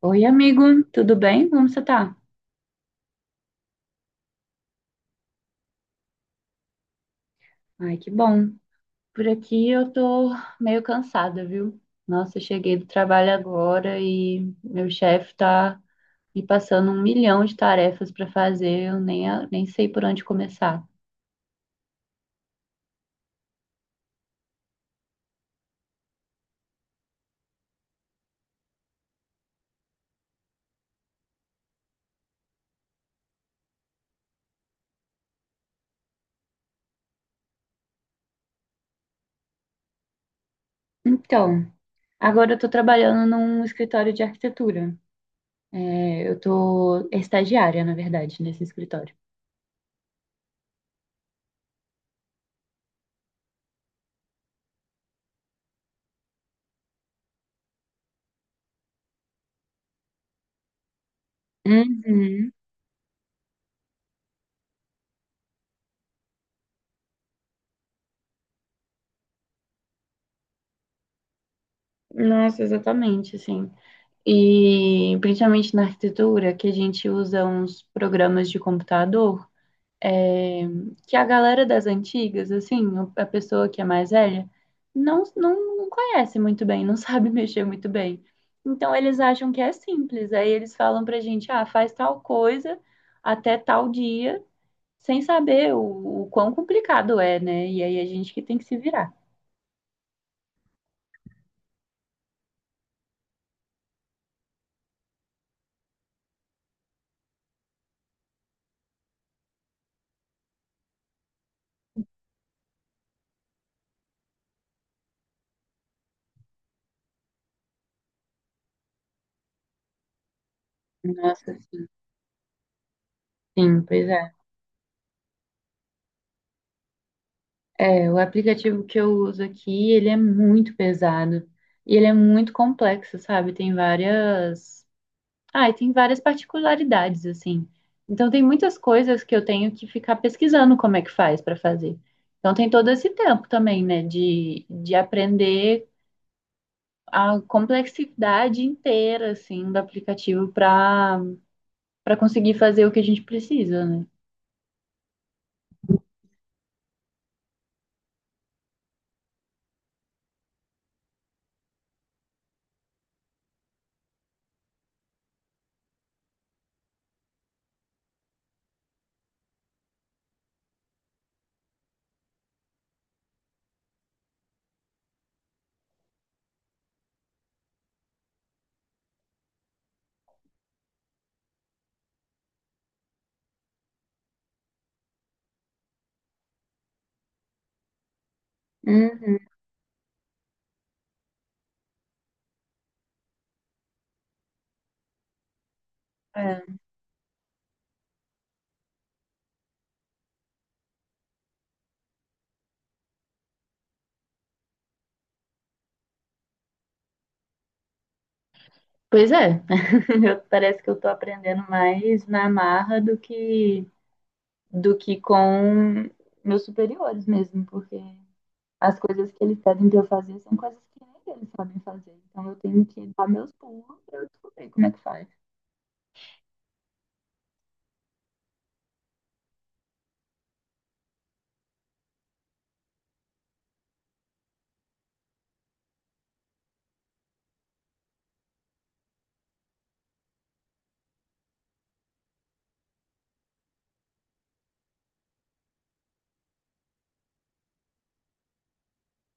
Oi, amigo, tudo bem? Como você tá? Ai, que bom. Por aqui eu tô meio cansada, viu? Nossa, eu cheguei do trabalho agora e meu chefe tá me passando um milhão de tarefas pra fazer, eu nem, nem sei por onde começar. Então, agora eu tô trabalhando num escritório de arquitetura. É, eu tô estagiária, na verdade, nesse escritório. Uhum. Nossa, exatamente, assim. E principalmente na arquitetura, que a gente usa uns programas de computador, é, que a galera das antigas, assim, a pessoa que é mais velha, não conhece muito bem, não sabe mexer muito bem. Então eles acham que é simples. Aí eles falam pra gente, ah, faz tal coisa até tal dia, sem saber o quão complicado é, né? E aí a gente que tem que se virar. Nossa, sim, pois é. É, o aplicativo que eu uso aqui, ele é muito pesado e ele é muito complexo, sabe? E tem várias particularidades assim. Então tem muitas coisas que eu tenho que ficar pesquisando como é que faz para fazer. Então tem todo esse tempo também, né, de aprender a complexidade inteira assim do aplicativo para conseguir fazer o que a gente precisa, né? Uhum. É. Pois é, eu, parece que eu tô aprendendo mais na marra do que com meus superiores mesmo, porque as coisas que eles pedem pra eu fazer são coisas que nem eles sabem fazer. Então eu tenho que dar meus pulos pra eu descobrir como é que faz.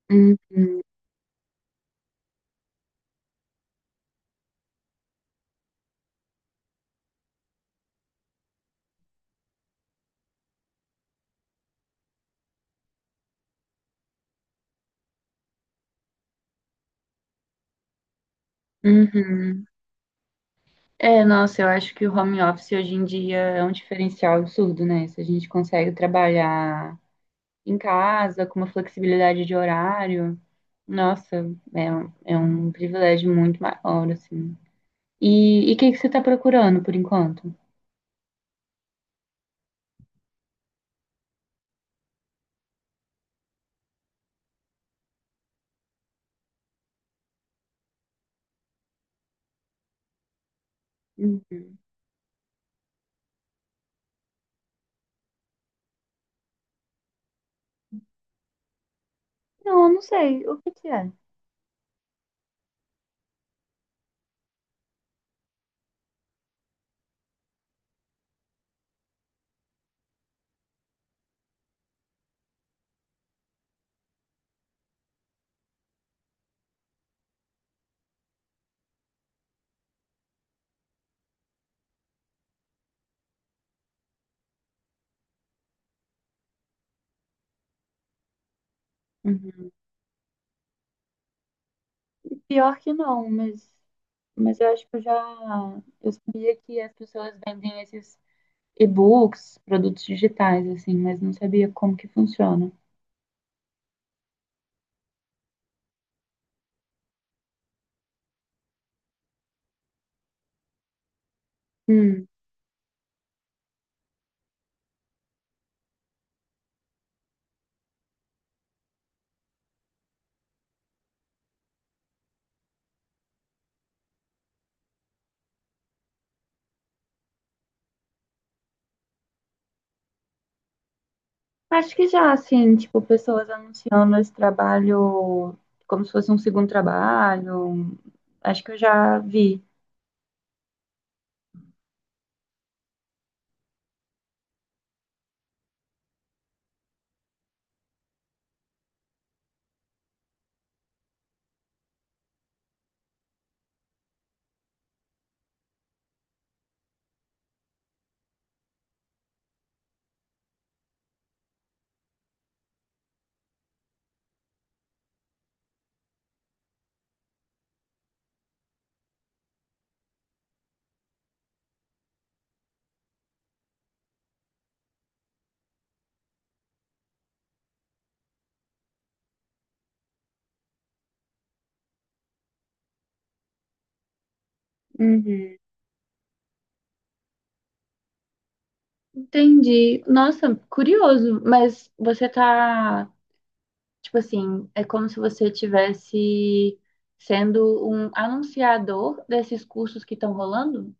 Uhum, uhum. É, nossa, eu acho que o home office hoje em dia é um diferencial absurdo, né? Se a gente consegue trabalhar em casa, com uma flexibilidade de horário. Nossa, é um privilégio muito maior, assim. E o que que você está procurando por enquanto? Uhum. Não, eu não sei o que que é. Uhum. E pior que não, mas eu acho que eu já. Eu sabia que as pessoas vendem esses e-books, produtos digitais, assim, mas não sabia como que funciona. Hum. Acho que já, assim, tipo, pessoas anunciando esse trabalho como se fosse um segundo trabalho. Acho que eu já vi. Uhum. Entendi. Nossa, curioso, mas você tá, tipo assim, é como se você tivesse sendo um anunciador desses cursos que estão rolando?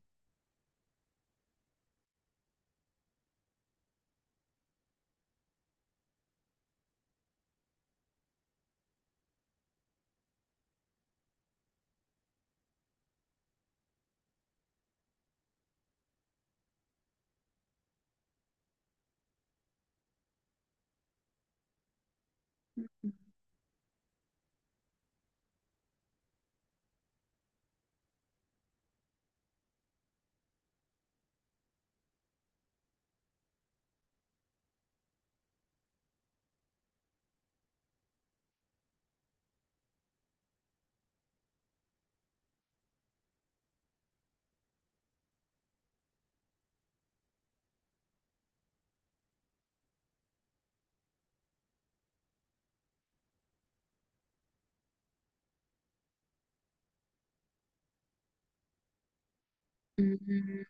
Uhum.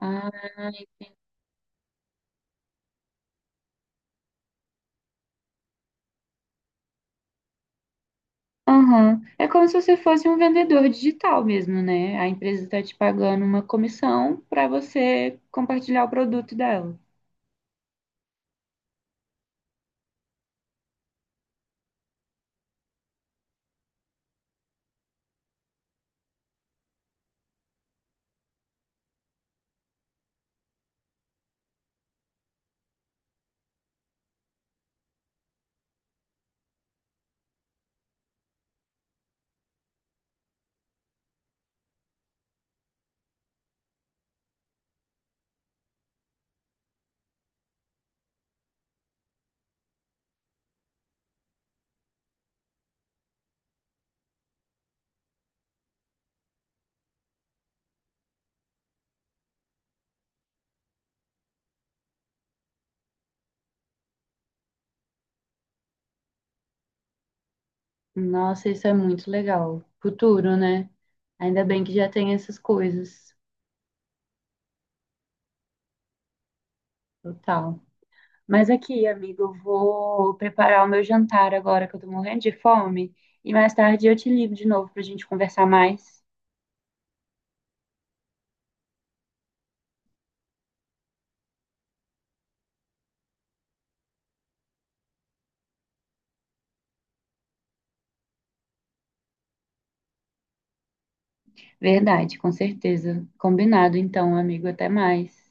Ah, aham. É como se você fosse um vendedor digital mesmo, né? A empresa está te pagando uma comissão para você compartilhar o produto dela. Nossa, isso é muito legal. Futuro, né? Ainda bem que já tem essas coisas. Total. Mas aqui, amigo, eu vou preparar o meu jantar agora que eu tô morrendo de fome. E mais tarde eu te ligo de novo pra gente conversar mais. Verdade, com certeza. Combinado, então, amigo. Até mais.